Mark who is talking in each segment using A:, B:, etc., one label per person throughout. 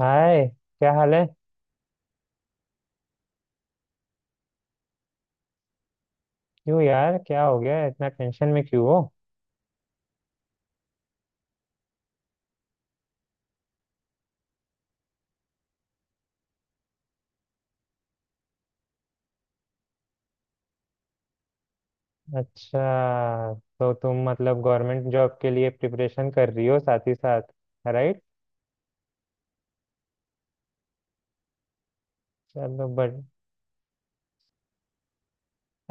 A: हाय। क्या हाल है। क्यों यार क्या हो गया इतना टेंशन में क्यों हो। अच्छा, तो तुम मतलब गवर्नमेंट जॉब के लिए प्रिपरेशन कर रही हो साथ ही साथ। राइट। चलो बट।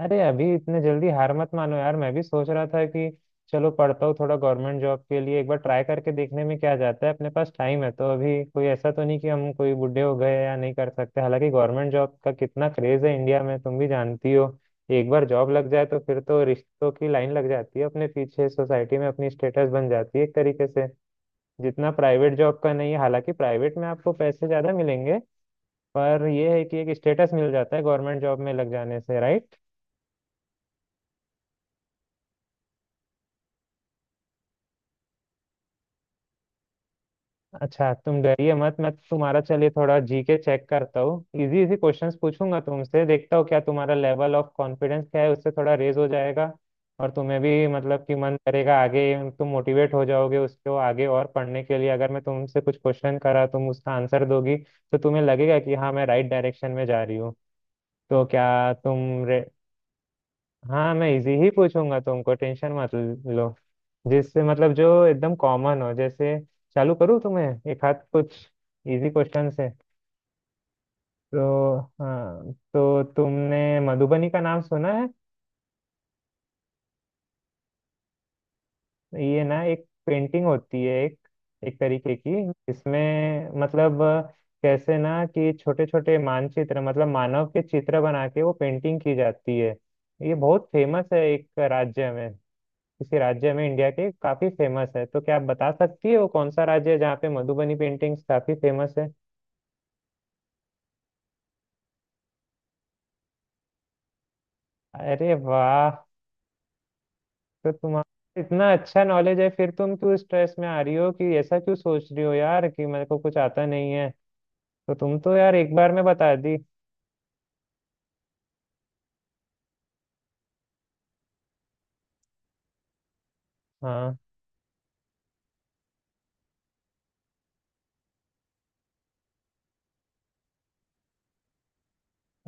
A: अरे, अभी इतने जल्दी हार मत मानो यार। मैं भी सोच रहा था कि चलो पढ़ता हूँ थोड़ा गवर्नमेंट जॉब के लिए। एक बार ट्राई करके देखने में क्या जाता है। अपने पास टाइम है तो अभी कोई ऐसा तो नहीं कि हम कोई बूढ़े हो गए या नहीं कर सकते। हालांकि गवर्नमेंट जॉब का कितना क्रेज है इंडिया में, तुम भी जानती हो। एक बार जॉब लग जाए तो फिर तो रिश्तों की लाइन लग जाती है अपने पीछे। सोसाइटी में अपनी स्टेटस बन जाती है एक तरीके से। जितना प्राइवेट जॉब का नहीं है। हालांकि प्राइवेट में आपको पैसे ज्यादा मिलेंगे। पर यह है कि एक स्टेटस मिल जाता है गवर्नमेंट जॉब में लग जाने से। राइट। अच्छा, तुम डरिए मत। मैं तुम्हारा चलिए थोड़ा जीके चेक करता हूँ। इजी इजी क्वेश्चंस पूछूंगा तुमसे, देखता हूँ क्या तुम्हारा लेवल ऑफ कॉन्फिडेंस क्या है। उससे थोड़ा रेज हो जाएगा। और तुम्हें भी मतलब कि मन करेगा आगे, तुम मोटिवेट हो जाओगे उसको आगे और पढ़ने के लिए। अगर मैं तुमसे कुछ क्वेश्चन करा तुम उसका आंसर दोगी, तो तुम्हें लगेगा कि हाँ, मैं राइट डायरेक्शन में जा रही हूँ। तो क्या तुम। हाँ, मैं इजी ही पूछूंगा तुमको। टेंशन मत लो। जिससे मतलब जो एकदम कॉमन हो जैसे। चालू करूँ तुम्हें एक हाथ कुछ इजी क्वेश्चन से। तो हाँ, तो तुमने मधुबनी का नाम सुना है। ये ना एक पेंटिंग होती है, एक एक तरीके की। इसमें मतलब कैसे ना कि छोटे छोटे मानचित्र मतलब मानव के चित्र बना के वो पेंटिंग की जाती है। ये बहुत फेमस है एक राज्य में। किसी राज्य में इंडिया के काफी फेमस है। तो क्या आप बता सकती हो कौन सा राज्य है जहाँ पे मधुबनी पेंटिंग्स काफी फेमस है? अरे वाह। तो तुम्हारा इतना अच्छा नॉलेज है फिर तुम क्यों स्ट्रेस में आ रही हो? कि ऐसा क्यों सोच रही हो यार कि मेरे को कुछ आता नहीं है। तो तुम तो यार एक बार में बता दी। हाँ।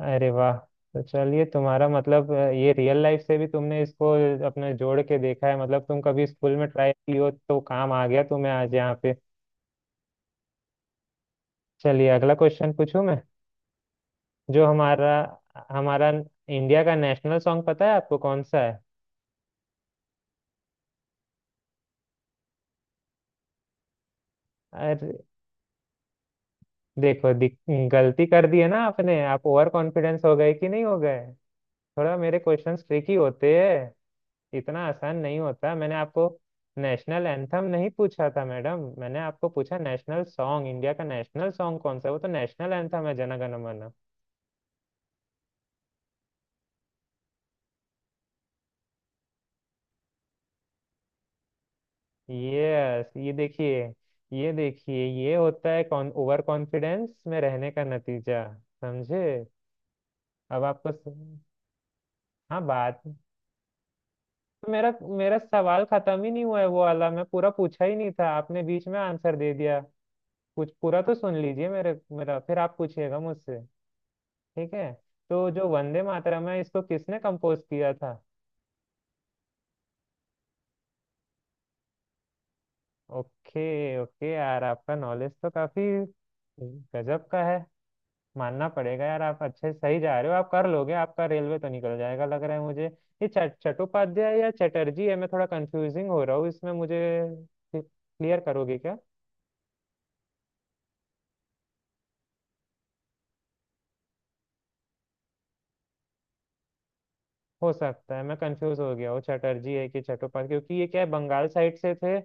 A: अरे वाह। तो चलिए तुम्हारा मतलब ये रियल लाइफ से भी तुमने इसको अपने जोड़ के देखा है। मतलब तुम कभी स्कूल में ट्राई की हो तो काम आ गया तुम्हें आज यहाँ पे। चलिए अगला क्वेश्चन पूछूं मैं। जो हमारा हमारा इंडिया का नेशनल सॉन्ग पता है आपको कौन सा है? अरे देखो, गलती कर दी है ना आपने। आप ओवर कॉन्फिडेंस हो गए कि नहीं हो गए। थोड़ा मेरे क्वेश्चंस ट्रिकी होते हैं। इतना आसान नहीं होता। मैंने आपको नेशनल एंथम नहीं पूछा था मैडम। मैंने आपको पूछा नेशनल सॉन्ग। इंडिया का नेशनल सॉन्ग कौन सा है? वो तो नेशनल एंथम है जन गण मन। यस, ये देखिए। ये देखिए ये होता है कौन, ओवर कॉन्फिडेंस में रहने का नतीजा। समझे। अब आपको हाँ बात। तो मेरा मेरा सवाल खत्म ही नहीं हुआ है। वो वाला मैं पूरा पूछा ही नहीं था, आपने बीच में आंसर दे दिया। कुछ पूरा तो सुन लीजिए मेरे मेरा, फिर आप पूछिएगा मुझसे। ठीक है। तो जो वंदे मातरम है इसको किसने कंपोज किया था? ओके, ओके यार, आपका नॉलेज तो काफी गजब का है। मानना पड़ेगा यार, आप अच्छे सही जा रहे हो। आप कर लोगे, आपका रेलवे तो निकल जाएगा लग रहा है मुझे। ये चट चट्टोपाध्याय या चटर्जी है? मैं थोड़ा कंफ्यूजिंग हो रहा हूँ इसमें मुझे। क्लियर करोगे क्या? हो सकता है मैं कंफ्यूज हो गया हूँ, चटर्जी है कि चट्टोपाध्याय। क्योंकि ये क्या है, बंगाल साइड से थे।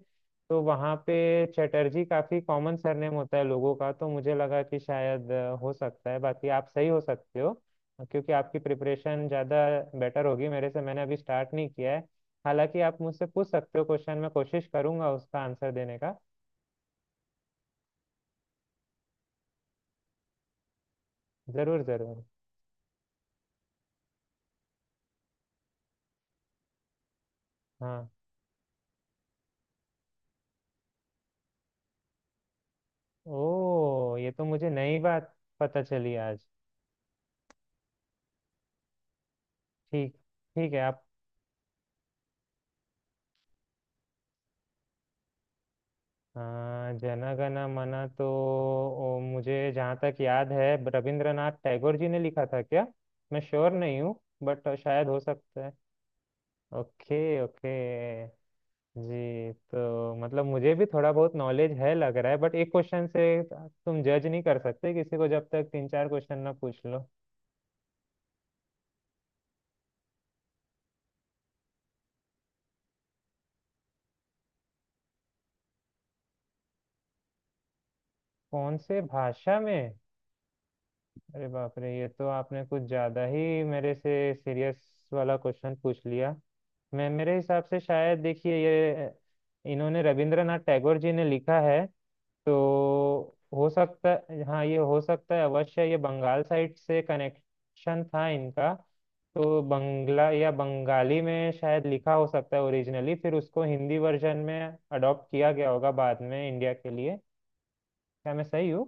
A: तो वहाँ पे चटर्जी काफी कॉमन सरनेम होता है लोगों का। तो मुझे लगा कि शायद, हो सकता है। बाकी आप सही हो सकते हो। क्योंकि आपकी प्रिपरेशन ज़्यादा बेटर होगी मेरे से, मैंने अभी स्टार्ट नहीं किया है। हालांकि आप मुझसे पूछ सकते हो क्वेश्चन, मैं कोशिश करूंगा उसका आंसर देने का। ज़रूर ज़रूर। हाँ। ओ, ये तो मुझे नई बात पता चली आज। ठीक। ठीक है आप। हाँ, जन गण मन तो। ओ, मुझे जहाँ तक याद है रविंद्रनाथ टैगोर जी ने लिखा था क्या? मैं श्योर नहीं हूँ बट शायद हो सकता है। Okay, okay. जी, तो मतलब मुझे भी थोड़ा बहुत नॉलेज है लग रहा है। बट एक क्वेश्चन से तुम जज नहीं कर सकते किसी को, जब तक तीन चार क्वेश्चन ना पूछ लो। कौन से भाषा में? अरे बाप रे, ये तो आपने कुछ ज्यादा ही मेरे से सीरियस वाला क्वेश्चन पूछ लिया। मैं मेरे हिसाब से शायद देखिए, ये इन्होंने रविंद्रनाथ टैगोर जी ने लिखा है। तो हो सकता, हाँ ये हो सकता है अवश्य। ये बंगाल साइड से कनेक्शन था इनका। तो बंगला या बंगाली में शायद लिखा हो सकता है ओरिजिनली, फिर उसको हिंदी वर्जन में अडॉप्ट किया गया होगा बाद में इंडिया के लिए। क्या मैं सही हूँ?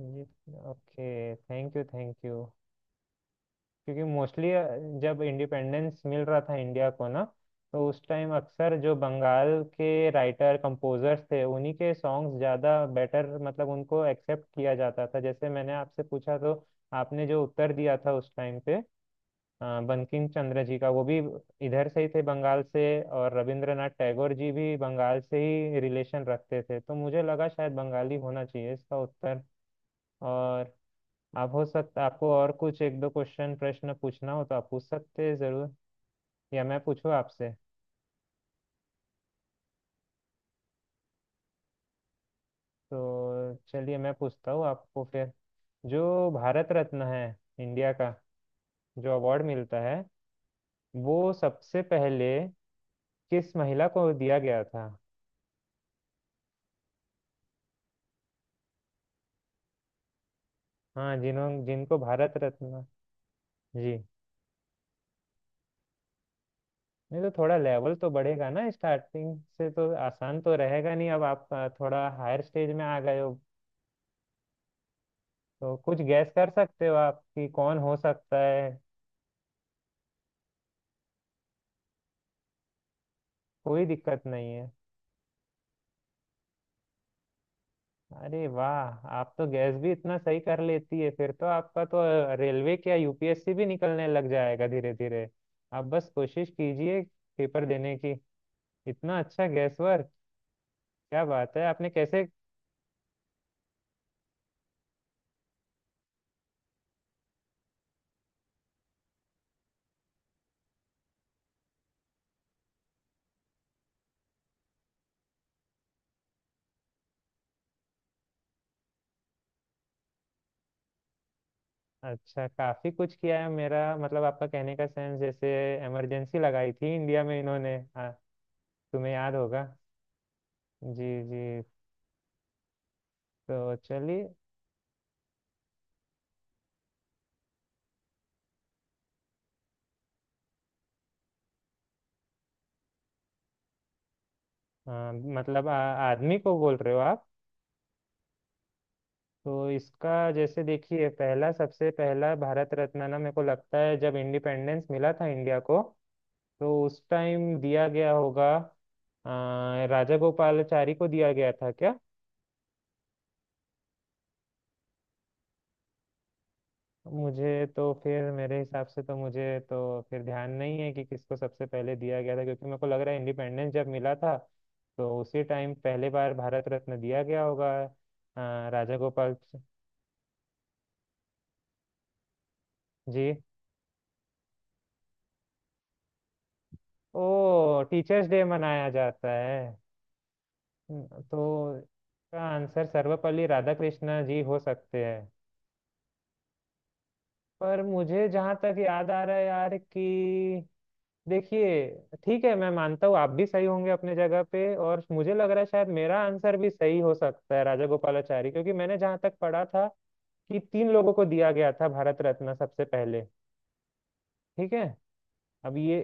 A: जी। Okay, thank you, thank you. क्योंकि मोस्टली जब इंडिपेंडेंस मिल रहा था इंडिया को ना, तो उस टाइम अक्सर जो बंगाल के राइटर कंपोजर्स थे उन्हीं के सॉन्ग्स ज़्यादा बेटर, मतलब उनको एक्सेप्ट किया जाता था। जैसे मैंने आपसे पूछा तो आपने जो उत्तर दिया था उस टाइम पे, बंकिम चंद्र जी का, वो भी इधर से ही थे बंगाल से। और रविंद्रनाथ टैगोर जी भी बंगाल से ही रिलेशन रखते थे, तो मुझे लगा शायद बंगाली होना चाहिए इसका उत्तर। और आप हो सकता आपको और कुछ एक दो क्वेश्चन प्रश्न पूछना हो तो आप पूछ सकते हैं ज़रूर। या मैं पूछूँ आपसे? तो चलिए मैं पूछता हूँ आपको फिर। जो भारत रत्न है इंडिया का, जो अवार्ड मिलता है, वो सबसे पहले किस महिला को दिया गया था? हाँ, जिन्हों जिनको भारत रत्न। जी नहीं, तो थोड़ा लेवल तो बढ़ेगा ना। स्टार्टिंग से तो आसान तो रहेगा नहीं। अब आप थोड़ा हायर स्टेज में आ गए हो। तो कुछ गैस कर सकते हो आप कि कौन हो सकता है। कोई दिक्कत नहीं है। अरे वाह, आप तो गैस भी इतना सही कर लेती है। फिर तो आपका तो रेलवे क्या, यूपीएससी भी निकलने लग जाएगा धीरे धीरे। आप बस कोशिश कीजिए पेपर देने की। इतना अच्छा गैस वर्क, क्या बात है आपने कैसे। अच्छा, काफी कुछ किया है, मेरा मतलब आपका कहने का सेंस जैसे इमरजेंसी लगाई थी इंडिया में इन्होंने, हाँ। तुम्हें याद होगा। जी, जी। तो चलिए। हाँ, मतलब आदमी को बोल रहे हो आप। तो इसका जैसे देखिए, पहला सबसे पहला भारत रत्न ना, मेरे को लगता है जब इंडिपेंडेंस मिला था इंडिया को, तो उस टाइम दिया गया होगा, राजा गोपालाचारी को दिया गया था क्या? मुझे तो फिर मेरे हिसाब से तो मुझे तो फिर ध्यान नहीं है कि किसको सबसे पहले दिया गया था। क्योंकि मेरे को लग रहा है इंडिपेंडेंस जब मिला था, तो उसी टाइम पहले बार भारत रत्न दिया गया होगा राजा गोपाल। जी। ओ। टीचर्स डे मनाया जाता है। तो इसका आंसर सर्वपल्ली राधाकृष्ण जी हो सकते हैं। पर मुझे जहां तक याद आ रहा है यार कि देखिए, ठीक है मैं मानता हूँ आप भी सही होंगे अपने जगह पे। और मुझे लग रहा है शायद मेरा आंसर भी सही हो सकता है, राजा गोपालाचारी। क्योंकि मैंने जहां तक पढ़ा था कि तीन लोगों को दिया गया था भारत रत्न सबसे पहले। ठीक है। अब ये।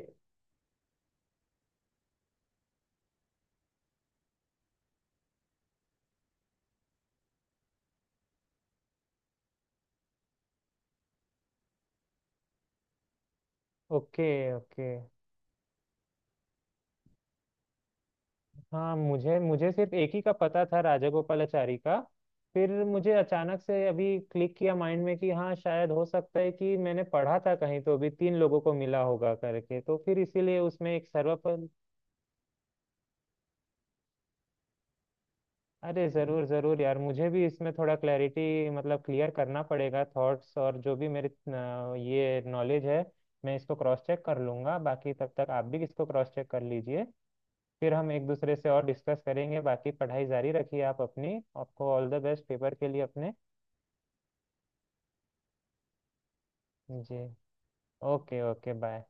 A: Okay, okay. हाँ, मुझे मुझे सिर्फ एक ही का पता था राजा गोपालाचारी का। फिर मुझे अचानक से अभी क्लिक किया माइंड में कि हाँ, शायद हो सकता है कि मैंने पढ़ा था कहीं तो अभी तीन लोगों को मिला होगा करके। तो फिर इसीलिए उसमें एक सर्वपल्ली। अरे जरूर जरूर यार, मुझे भी इसमें थोड़ा क्लैरिटी, मतलब क्लियर करना पड़ेगा थॉट्स। और जो भी मेरे ये नॉलेज है, मैं इसको क्रॉस चेक कर लूंगा। बाकी तब तक आप भी इसको क्रॉस चेक कर लीजिए। फिर हम एक दूसरे से और डिस्कस करेंगे। बाकी पढ़ाई जारी रखिए आप अपनी, आपको ऑल द बेस्ट पेपर के लिए अपने। जी, ओके, ओके, बाय।